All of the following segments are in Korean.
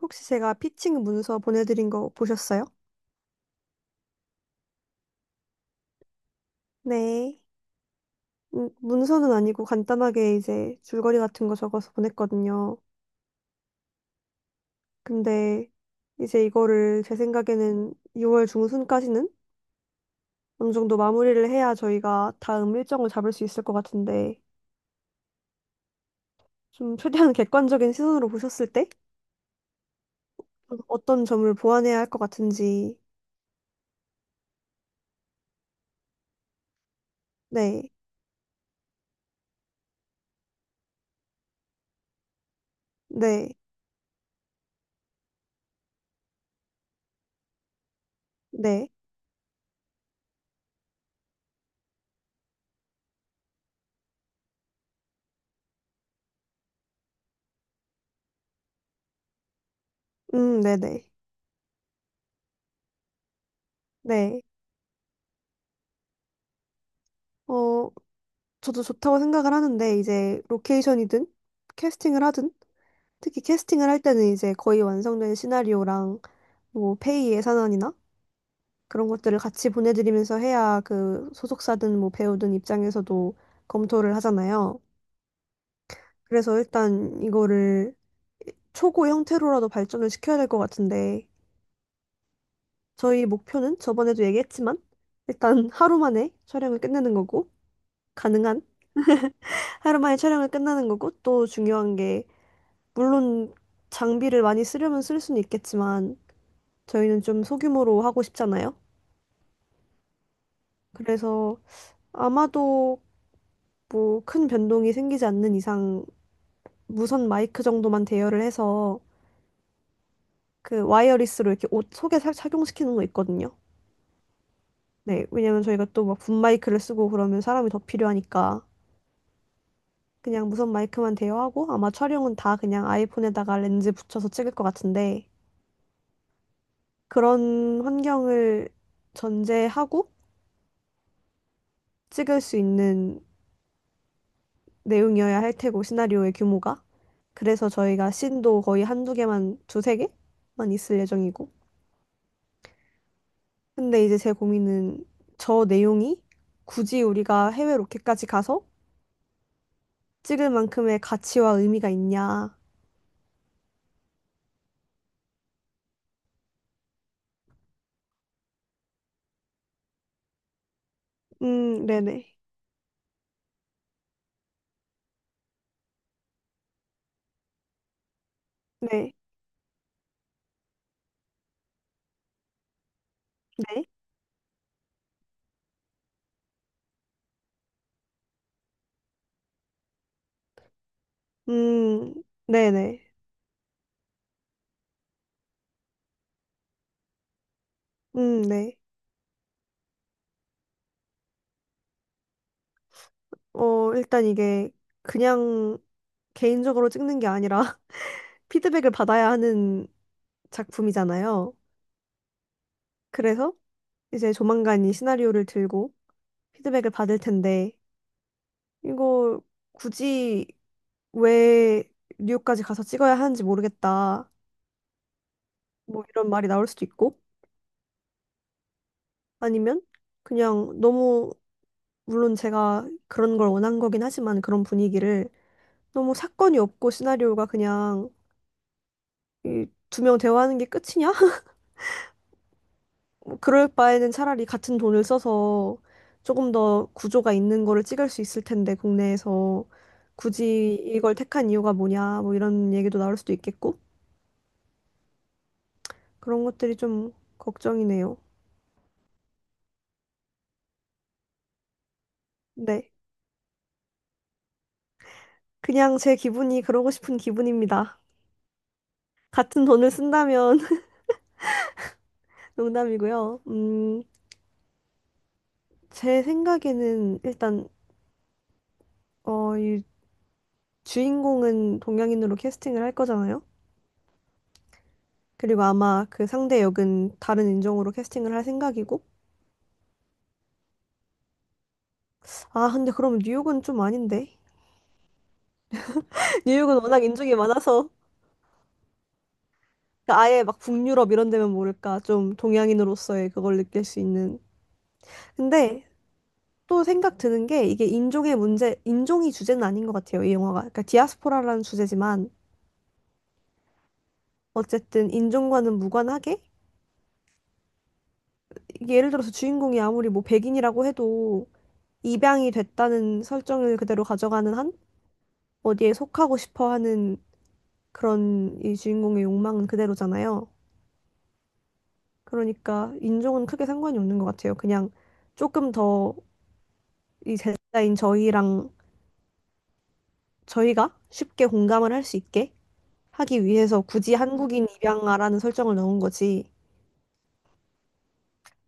혹시 제가 피칭 문서 보내드린 거 보셨어요? 네. 문서는 아니고 간단하게 이제 줄거리 같은 거 적어서 보냈거든요. 근데 이제 이거를 제 생각에는 6월 중순까지는 어느 정도 마무리를 해야 저희가 다음 일정을 잡을 수 있을 것 같은데 좀 최대한 객관적인 시선으로 보셨을 때 어떤 점을 보완해야 할 것 같은지. 네. 네. 네. 네네. 네. 네. 어, 저도 좋다고 생각을 하는데 이제 로케이션이든 캐스팅을 하든, 특히 캐스팅을 할 때는 이제 거의 완성된 시나리오랑 뭐 페이 예산안이나 그런 것들을 같이 보내드리면서 해야 그 소속사든 뭐 배우든 입장에서도 검토를 하잖아요. 그래서 일단 이거를 초고 형태로라도 발전을 시켜야 될 것 같은데. 저희 목표는 저번에도 얘기했지만 일단 하루 만에 촬영을 끝내는 거고 가능한 하루 만에 촬영을 끝내는 거고, 또 중요한 게 물론 장비를 많이 쓰려면 쓸 수는 있겠지만 저희는 좀 소규모로 하고 싶잖아요. 그래서 아마도 뭐 큰 변동이 생기지 않는 이상 무선 마이크 정도만 대여를 해서, 그 와이어리스로 이렇게 옷 속에 착용시키는 거 있거든요. 네, 왜냐면 저희가 또 막 붐 마이크를 쓰고 그러면 사람이 더 필요하니까 그냥 무선 마이크만 대여하고, 아마 촬영은 다 그냥 아이폰에다가 렌즈 붙여서 찍을 것 같은데, 그런 환경을 전제하고 찍을 수 있는 내용이어야 할 테고, 시나리오의 규모가. 그래서 저희가 씬도 거의 한두 개만 두세 개만 있을 예정이고. 근데 이제 제 고민은 저 내용이 굳이 우리가 해외 로켓까지 가서 찍을 만큼의 가치와 의미가 있냐. 네네. 네. 네. 음 네네. 음. 네. 어, 일단 이게 그냥 개인적으로 찍는 게 아니라 피드백을 받아야 하는 작품이잖아요. 그래서 이제 조만간 이 시나리오를 들고 피드백을 받을 텐데, 이거 굳이 왜 뉴욕까지 가서 찍어야 하는지 모르겠다, 뭐 이런 말이 나올 수도 있고. 아니면 그냥 너무, 물론 제가 그런 걸 원한 거긴 하지만 그런 분위기를, 너무 사건이 없고 시나리오가 그냥 두 명 대화하는 게 끝이냐? 그럴 바에는 차라리 같은 돈을 써서 조금 더 구조가 있는 거를 찍을 수 있을 텐데 국내에서, 굳이 이걸 택한 이유가 뭐냐 뭐 이런 얘기도 나올 수도 있겠고. 그런 것들이 좀 걱정이네요. 네. 그냥 제 기분이 그러고 싶은 기분입니다. 같은 돈을 쓴다면 농담이고요. 제 생각에는 일단, 어, 이 주인공은 동양인으로 캐스팅을 할 거잖아요. 그리고 아마 그 상대 역은 다른 인종으로 캐스팅을 할 생각이고. 아, 근데 그럼 뉴욕은 좀 아닌데. 뉴욕은 워낙 인종이 많아서, 아예 막 북유럽 이런 데면 모를까. 좀 동양인으로서의 그걸 느낄 수 있는. 근데 또 생각 드는 게, 이게 인종의 문제, 인종이 주제는 아닌 것 같아요, 이 영화가. 그러니까 디아스포라라는 주제지만 어쨌든 인종과는 무관하게, 이게 예를 들어서 주인공이 아무리 뭐 백인이라고 해도 입양이 됐다는 설정을 그대로 가져가는 한 어디에 속하고 싶어 하는 그런 이 주인공의 욕망은 그대로잖아요. 그러니까 인종은 크게 상관이 없는 것 같아요. 그냥 조금 더 이 제자인 저희랑, 저희가 쉽게 공감을 할 수 있게 하기 위해서 굳이 한국인 입양아라는 설정을 넣은 거지.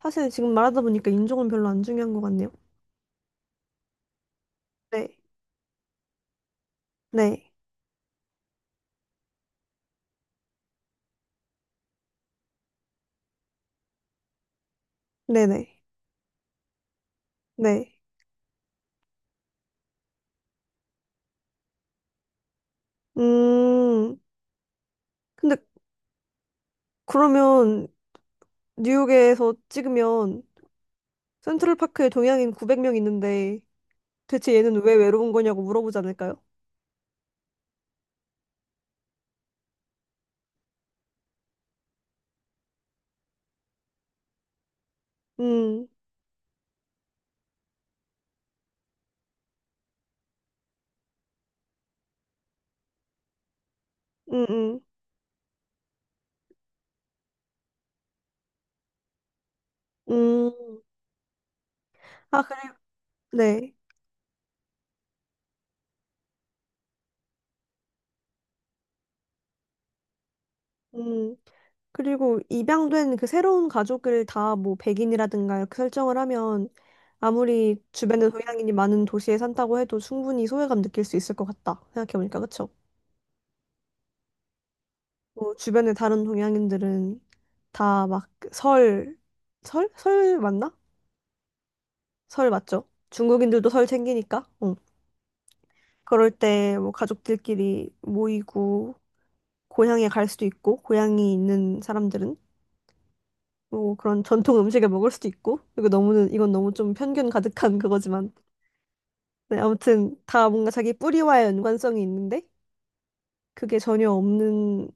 사실 지금 말하다 보니까 인종은 별로 안 중요한 것 같네요. 네. 네. 네네. 네. 네. 음, 근데 그러면 뉴욕에서 찍으면 센트럴파크에 동양인 900명 있는데 대체 얘는 왜 외로운 거냐고 물어보지 않을까요? 음. 음. 음. 음. 아, 그래요? 네. 음. 그리고 입양된 그 새로운 가족을 다 뭐 백인이라든가 이렇게 설정을 하면, 아무리 주변에 동양인이 많은 도시에 산다고 해도 충분히 소외감 느낄 수 있을 것 같다. 생각해보니까 그쵸? 뭐 주변에 다른 동양인들은 다막 그 설, 설? 설 맞나? 설 맞죠? 중국인들도 설 챙기니까. 응. 그럴 때 뭐 가족들끼리 모이고 고향에 갈 수도 있고, 고향이 있는 사람들은 뭐 그런 전통 음식을 먹을 수도 있고. 그리고 너무는, 이건 너무 좀 편견 가득한 그거지만, 네, 아무튼 다 뭔가 자기 뿌리와의 연관성이 있는데 그게 전혀 없는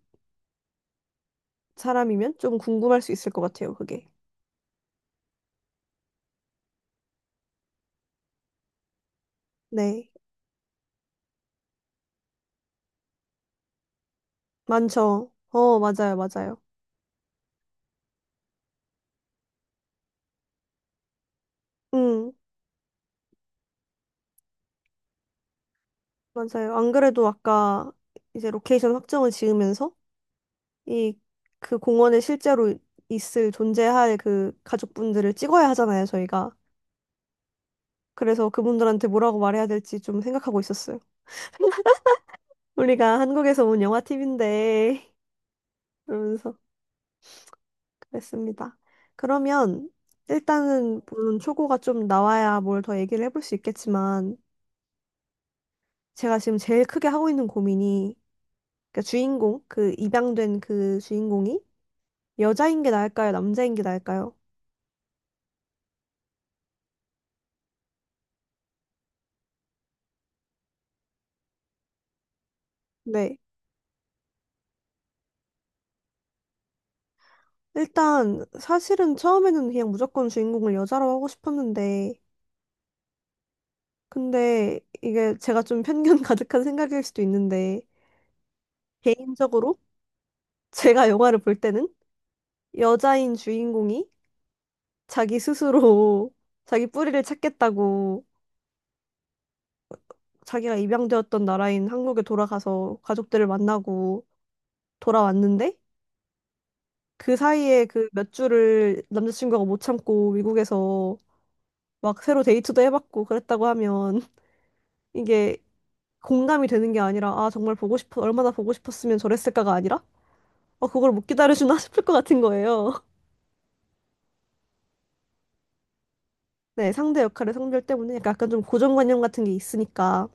사람이면 좀 궁금할 수 있을 것 같아요, 그게. 네. 많죠. 어, 맞아요 맞아요. 음. 맞아요. 안 그래도 아까 이제 로케이션 확정을 지으면서 이, 그 공원에 실제로 있을, 존재할 그 가족분들을 찍어야 하잖아요 저희가. 그래서 그분들한테 뭐라고 말해야 될지 좀 생각하고 있었어요. 우리가 한국에서 온 영화 팁인데 그러면서 그랬습니다. 그러면 일단은 물론 초고가 좀 나와야 뭘 더 얘기를 해볼 수 있겠지만, 제가 지금 제일 크게 하고 있는 고민이, 그러니까 주인공, 그 입양된 그 주인공이 여자인 게 나을까요? 남자인 게 나을까요? 네. 일단 사실은 처음에는 그냥 무조건 주인공을 여자로 하고 싶었는데, 근데 이게 제가 좀 편견 가득한 생각일 수도 있는데, 개인적으로 제가 영화를 볼 때는 여자인 주인공이 자기 스스로 자기 뿌리를 찾겠다고 자기가 입양되었던 나라인 한국에 돌아가서 가족들을 만나고 돌아왔는데, 그 사이에 그 몇 주를 남자친구가 못 참고 미국에서 막 새로 데이트도 해봤고 그랬다고 하면 이게 공감이 되는 게 아니라, 아 정말 보고 싶어 얼마나 보고 싶었으면 저랬을까가 아니라, 어 그걸 못 기다려주나 싶을 것 같은 거예요. 네, 상대 역할의 성별 때문에 약간 좀 고정관념 같은 게 있으니까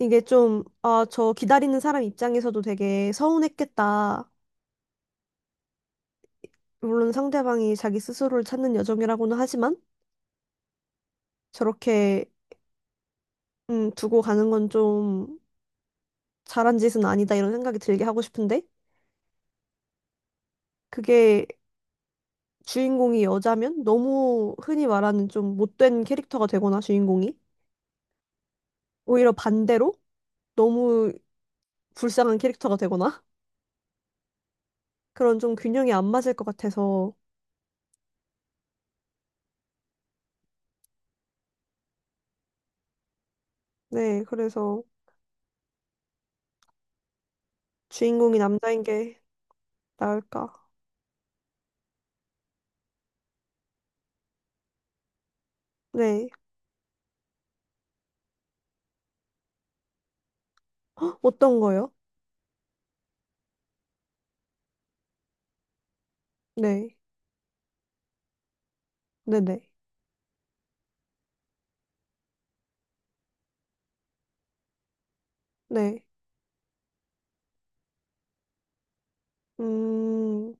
이게 좀, 아, 저 기다리는 사람 입장에서도 되게 서운했겠다. 물론 상대방이 자기 스스로를 찾는 여정이라고는 하지만 저렇게 두고 가는 건 좀 잘한 짓은 아니다, 이런 생각이 들게 하고 싶은데, 그게 주인공이 여자면 너무 흔히 말하는 좀 못된 캐릭터가 되거나, 주인공이 오히려 반대로 너무 불쌍한 캐릭터가 되거나, 그런 좀 균형이 안 맞을 것 같아서. 네, 그래서 주인공이 남자인 게 나을까? 네. 헉, 어떤 거요? 네. 네네. 네. 음,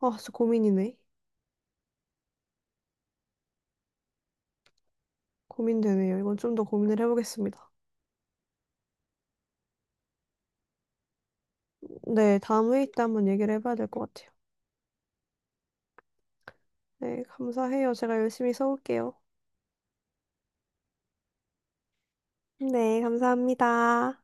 아, 진짜 고민이네. 고민되네요. 이건 좀 더 고민을 해보겠습니다. 네, 다음 회의 때 한번 얘기를 해봐야 될 것 같아요. 네, 감사해요. 제가 열심히 써올게요. 네, 감사합니다.